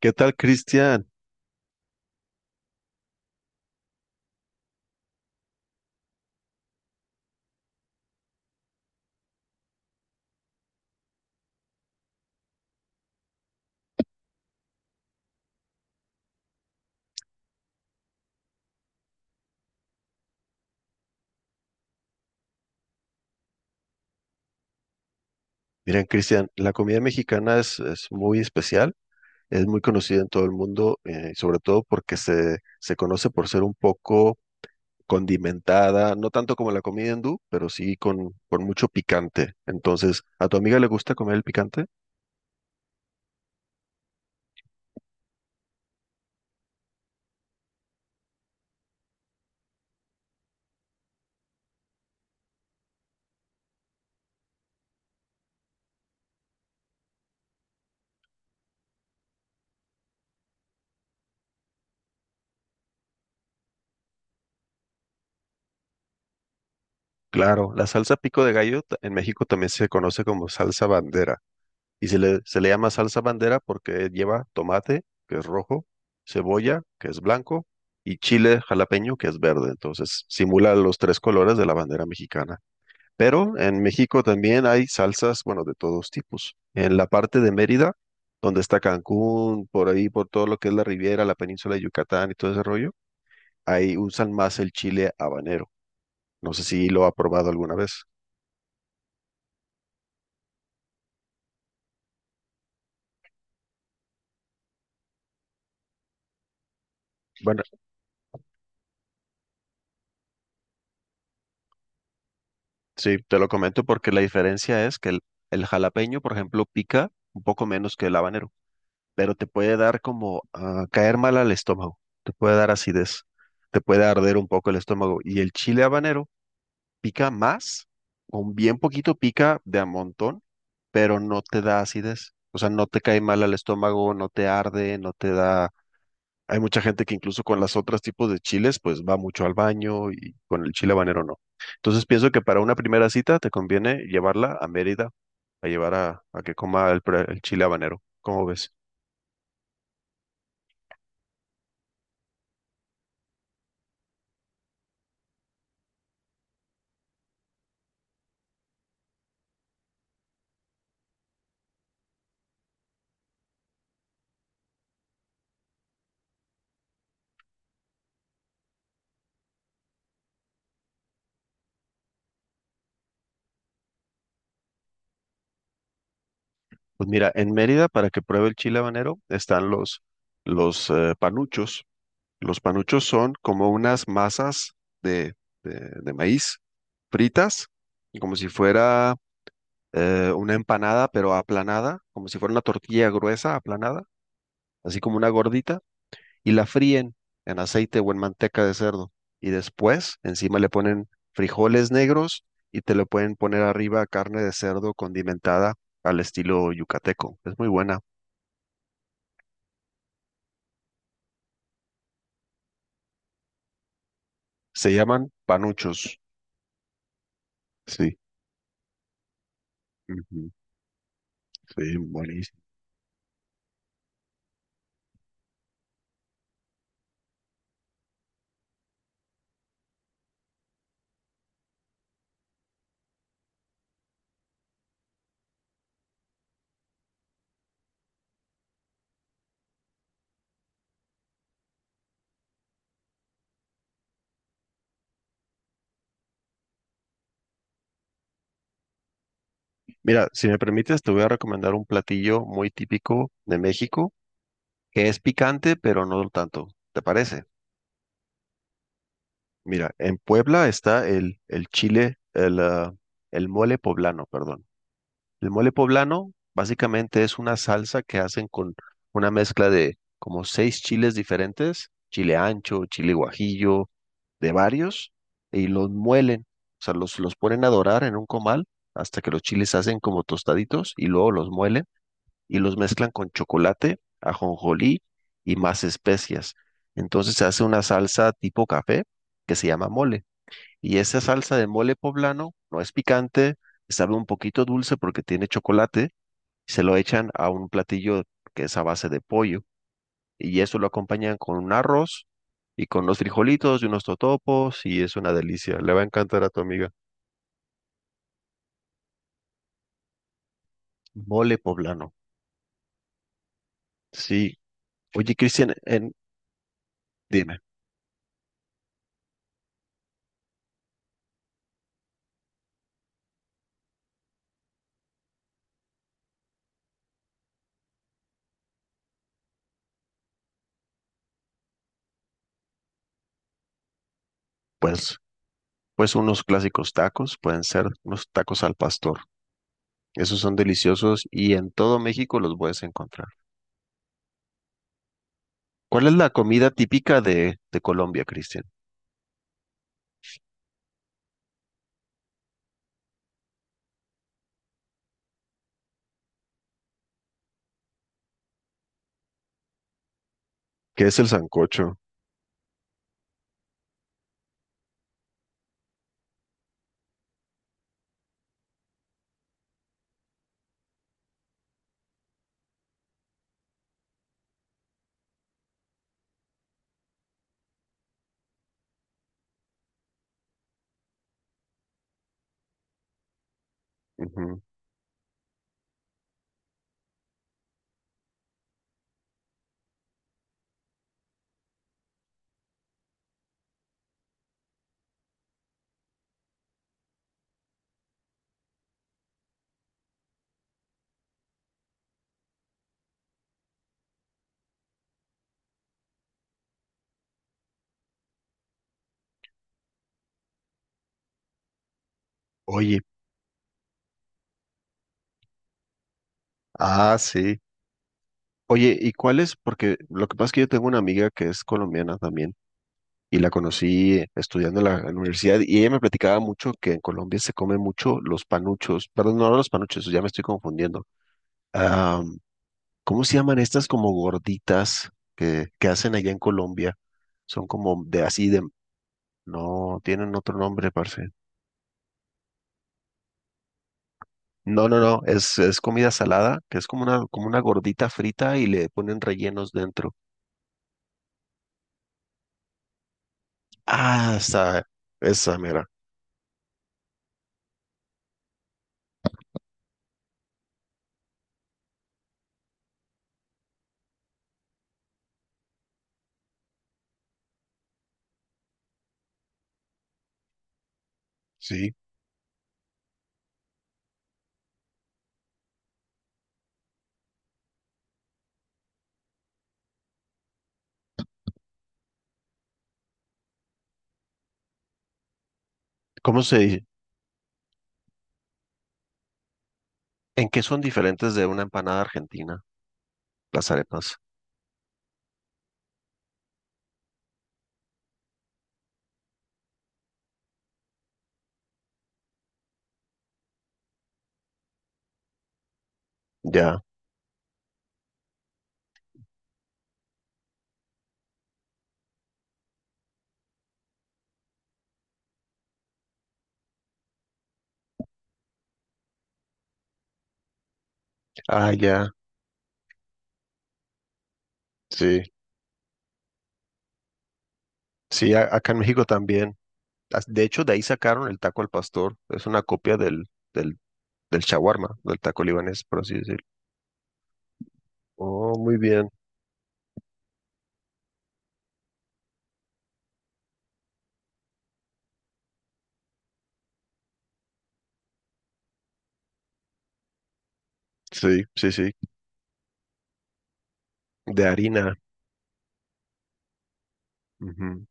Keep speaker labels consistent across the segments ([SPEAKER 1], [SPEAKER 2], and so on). [SPEAKER 1] ¿Qué tal, Cristian? Miren, Cristian, la comida mexicana es muy especial, es muy conocida en todo el mundo, sobre todo porque se conoce por ser un poco condimentada, no tanto como la comida hindú, pero sí con mucho picante. Entonces, ¿a tu amiga le gusta comer el picante? Claro, la salsa pico de gallo en México también se conoce como salsa bandera. Y se le llama salsa bandera porque lleva tomate, que es rojo, cebolla, que es blanco, y chile jalapeño, que es verde. Entonces simula los tres colores de la bandera mexicana. Pero en México también hay salsas, bueno, de todos tipos. En la parte de Mérida, donde está Cancún, por ahí, por todo lo que es la Riviera, la península de Yucatán y todo ese rollo, ahí usan más el chile habanero. No sé si lo ha probado alguna vez. Bueno. Sí, te lo comento porque la diferencia es que el jalapeño, por ejemplo, pica un poco menos que el habanero, pero te puede dar como ah, caer mal al estómago, te puede dar acidez, te puede arder un poco el estómago. Y el chile habanero pica más, con bien poquito pica de a montón, pero no te da acidez. O sea, no te cae mal al estómago, no te arde, no te da hay mucha gente que incluso con las otras tipos de chiles, pues va mucho al baño y con el chile habanero no. Entonces pienso que para una primera cita te conviene llevarla a Mérida, a llevar a que coma el, el chile habanero. ¿Cómo ves? Pues mira, en Mérida para que pruebe el chile habanero están los panuchos. Los panuchos son como unas masas de, de maíz fritas, como si fuera una empanada, pero aplanada, como si fuera una tortilla gruesa aplanada así como una gordita, y la fríen en aceite o en manteca de cerdo. Y después encima le ponen frijoles negros y te le pueden poner arriba carne de cerdo condimentada al estilo yucateco. Es muy buena. Se llaman panuchos. Sí, ujú, sí, buenísimo. Mira, si me permites, te voy a recomendar un platillo muy típico de México, que es picante, pero no tanto. ¿Te parece? Mira, en Puebla está el chile, el el mole poblano, perdón. El mole poblano básicamente es una salsa que hacen con una mezcla de como seis chiles diferentes, chile ancho, chile guajillo, de varios, y los muelen, o sea, los ponen a dorar en un comal hasta que los chiles se hacen como tostaditos y luego los muelen y los mezclan con chocolate, ajonjolí y más especias. Entonces se hace una salsa tipo café que se llama mole. Y esa salsa de mole poblano no es picante, sabe un poquito dulce porque tiene chocolate. Se lo echan a un platillo que es a base de pollo. Y eso lo acompañan con un arroz y con unos frijolitos y unos totopos. Y es una delicia. Le va a encantar a tu amiga. Mole poblano. Sí. Oye, Cristian, en- dime, pues, pues unos clásicos tacos, pueden ser unos tacos al pastor. Esos son deliciosos y en todo México los puedes encontrar. ¿Cuál es la comida típica de Colombia, Cristian? ¿Qué es el sancocho? Ujú. Oye, ah, sí. Oye, ¿y cuál es? Porque lo que pasa es que yo tengo una amiga que es colombiana también y la conocí estudiando en la universidad y ella me platicaba mucho que en Colombia se come mucho los panuchos, perdón, no los panuchos, ya me estoy confundiendo. Ah, ¿cómo se llaman estas como gorditas que hacen allá en Colombia? Son como de así de... No, tienen otro nombre, parce. No, no, no, es comida salada, que es como una gordita frita y le ponen rellenos dentro. Ah, esa, mira, sí. ¿Cómo se dice? ¿En qué son diferentes de una empanada argentina? Las arepas. Ya, ah, ya, sí. Sí, acá en México también. De hecho, de ahí sacaron el taco al pastor. Es una copia del, del shawarma, del taco libanés, por así decirlo. Oh, muy bien. Sí, sí, sí. De harina. Ujú.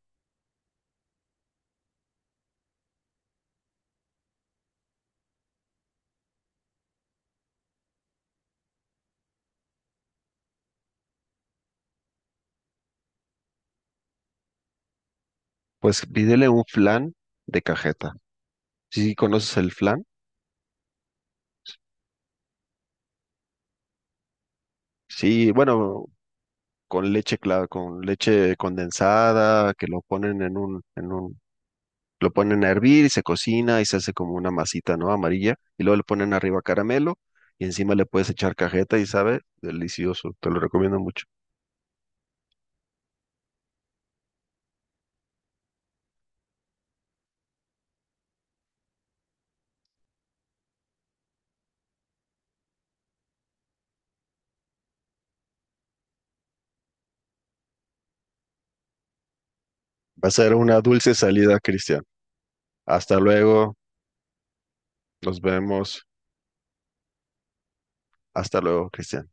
[SPEAKER 1] Pues pídele un flan de cajeta. Sí, ¿conoces el flan? Sí, bueno, con leche condensada, que lo ponen en un, lo ponen a hervir y se cocina y se hace como una masita, ¿no? Amarilla, y luego le ponen arriba caramelo y encima le puedes echar cajeta y sabe, delicioso, te lo recomiendo mucho. Va a ser una dulce salida, Cristian. Hasta luego, nos vemos. Hasta luego, Cristian.